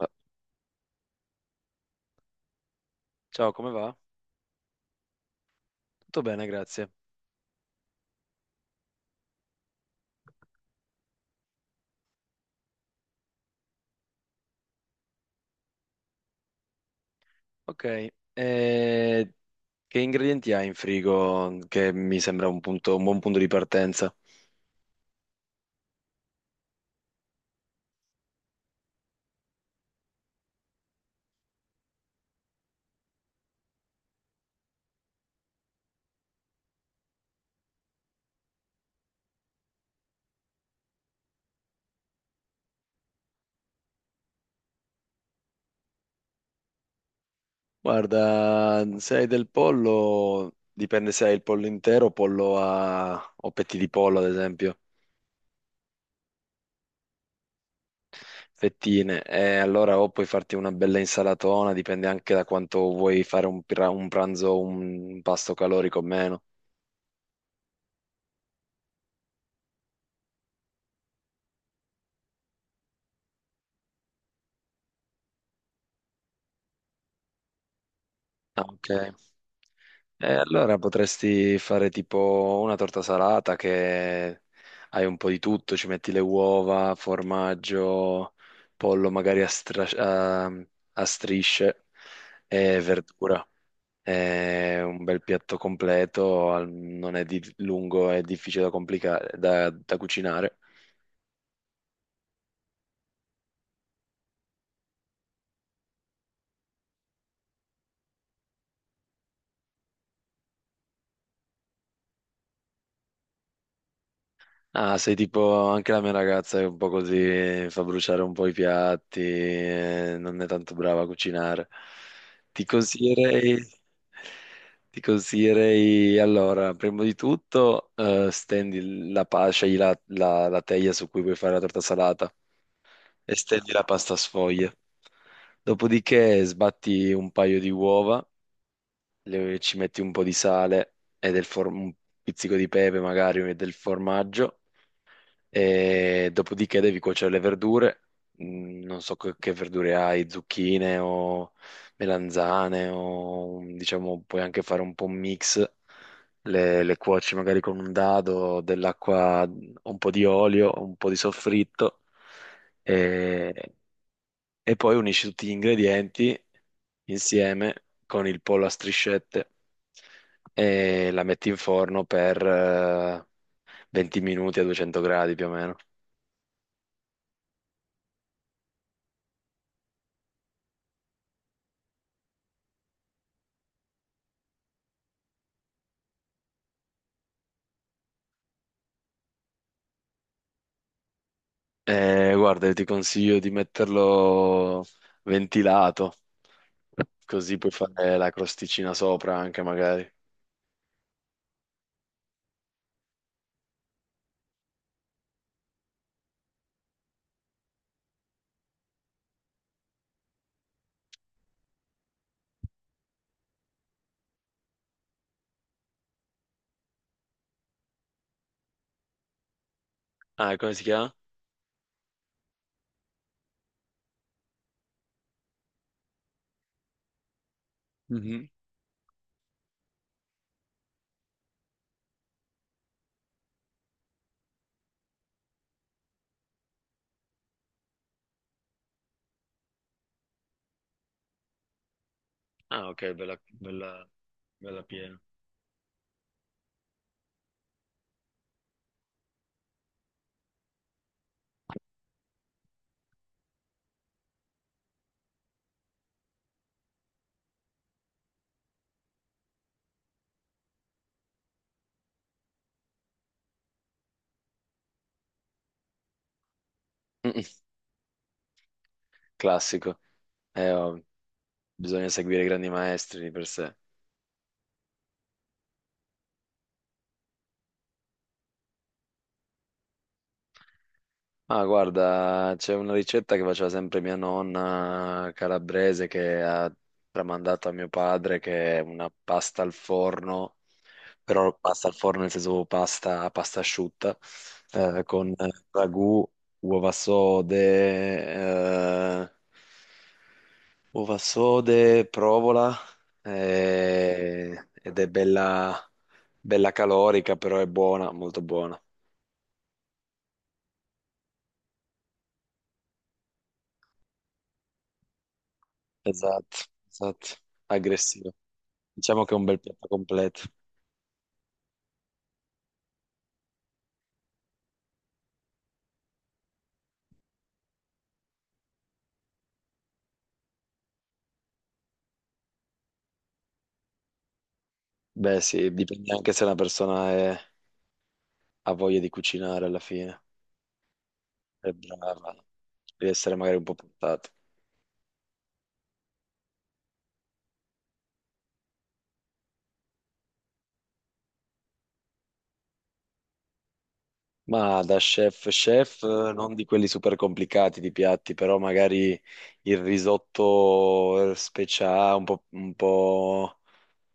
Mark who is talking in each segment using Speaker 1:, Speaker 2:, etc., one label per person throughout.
Speaker 1: Ah, ciao, come va? Tutto bene, grazie. Ok, eh, che ingredienti hai in frigo? Che mi sembra un buon punto di partenza. Guarda, se hai del pollo, dipende se hai il pollo intero, pollo a... o petti di pollo, ad esempio, fettine. E allora o puoi farti una bella insalatona, dipende anche da quanto vuoi fare un pranzo, un pasto calorico o meno. Ah, ok. Allora potresti fare tipo una torta salata che hai un po' di tutto, ci metti le uova, formaggio, pollo magari a strisce e verdura. È un bel piatto completo, non è lungo, è difficile da complicare, da cucinare. Ah, sei tipo anche la mia ragazza è un po' così, fa bruciare un po' i piatti, non è tanto brava a cucinare. Ti consiglierei, ti consiglierei allora, prima di tutto, scegli la teglia su cui vuoi fare la torta salata e stendi la pasta sfoglia. Dopodiché sbatti un paio di uova, ci metti un po' di sale e un pizzico di pepe magari e del formaggio e dopodiché devi cuocere le verdure. Mm, non so che verdure hai, zucchine o melanzane o diciamo puoi anche fare un po' un mix, le cuoci magari con un dado, dell'acqua, un po' di olio, un po' di soffritto e, e poi unisci tutti gli ingredienti insieme con il pollo a striscette e la metti in forno per 20 minuti a 200 gradi più o meno. Guarda, io ti consiglio di metterlo ventilato, così puoi fare la crosticina sopra anche magari. Ah, e come si chiama? Mhm. Ah, ok, bella piena. Mm. Classico. Oh, bisogna seguire i grandi maestri di per sé. Ah, guarda, c'è una ricetta che faceva sempre mia nonna calabrese che ha tramandato a mio padre, che è una pasta al forno, però pasta al forno nel senso pasta, pasta asciutta, con ragù, uova sode, eh, provola, ed è bella, bella calorica, però è buona, molto buona. Esatto, esatto, aggressiva. Diciamo che è un bel piatto completo. Beh, sì, dipende anche se una persona ha voglia di cucinare alla fine, è brava, deve essere magari un po' portata. Ma da chef chef, non di quelli super complicati di piatti, però magari il risotto speciale,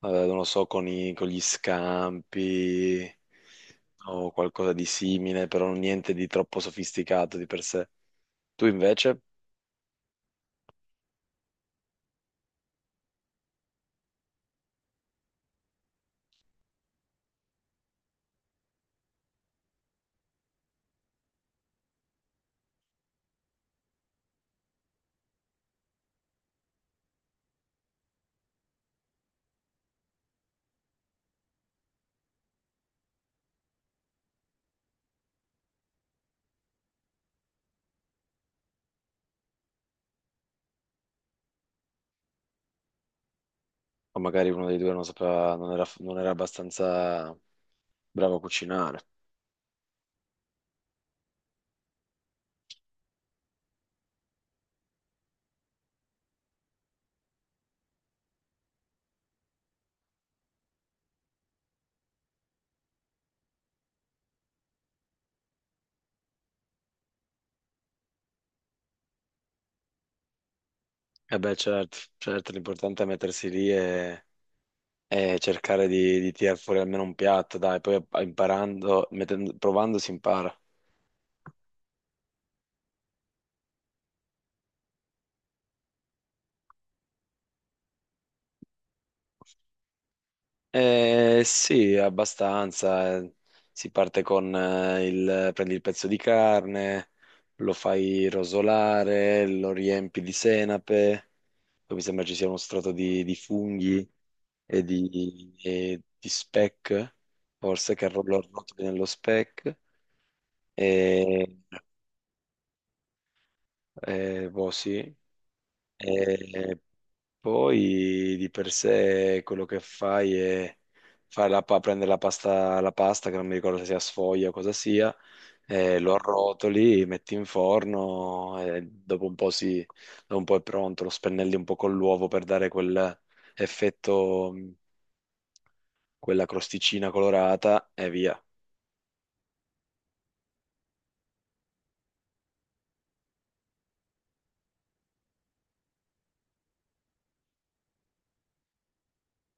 Speaker 1: non lo so, con gli scampi o qualcosa di simile, però niente di troppo sofisticato di per sé. Tu invece... O magari uno dei due non sapeva, non era abbastanza bravo a cucinare. E beh, certo, certo, l'importante è mettersi lì e cercare di tirar fuori almeno un piatto, dai, poi imparando, provando si impara. Sì, abbastanza. Eh. Si parte con prendi il pezzo di carne, lo fai rosolare, lo riempi di senape, poi mi sembra ci sia uno strato di funghi e di speck, forse lo rotoli nello speck, e, boh, sì. E poi di per sé quello che fai è prendere la pasta, che non mi ricordo se sia sfoglia o cosa sia, lo arrotoli, metti in forno e dopo un po', si, dopo un po' è pronto, lo spennelli un po' con l'uovo per dare quel effetto, quella crosticina colorata e via.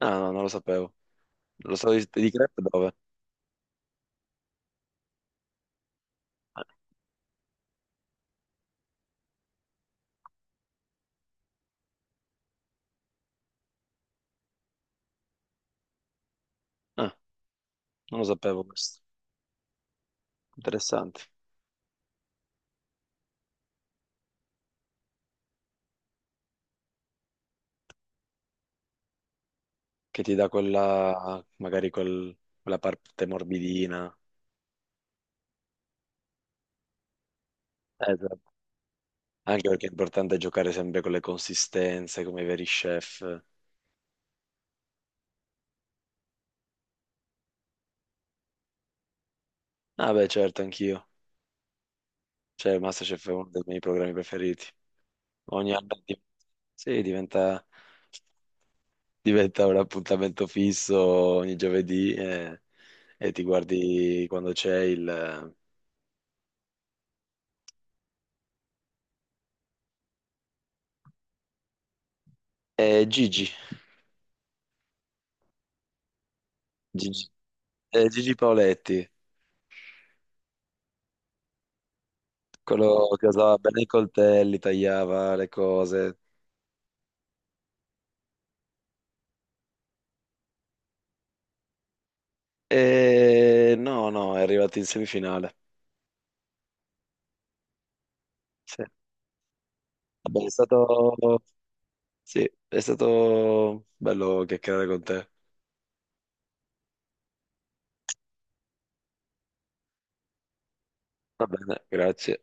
Speaker 1: Ah, no, non lo sapevo. Lo stato di crepe dove? Ah, non lo sapevo questo. Interessante. Che ti dà quella, quella parte morbidina. Esatto. Anche perché è importante giocare sempre con le consistenze, come i veri chef. Ah, beh, certo, anch'io. Cioè, MasterChef è uno dei miei programmi preferiti. Ogni anno di- sì, diventa un appuntamento fisso ogni giovedì e ti guardi quando c'è il... Eh, Gigi, Gigi Paoletti, quello che usava bene i coltelli, tagliava le cose. No, no, è arrivato in semifinale. Sì. Vabbè, è stato, sì, è stato bello chiacchierare con te. Va bene, grazie.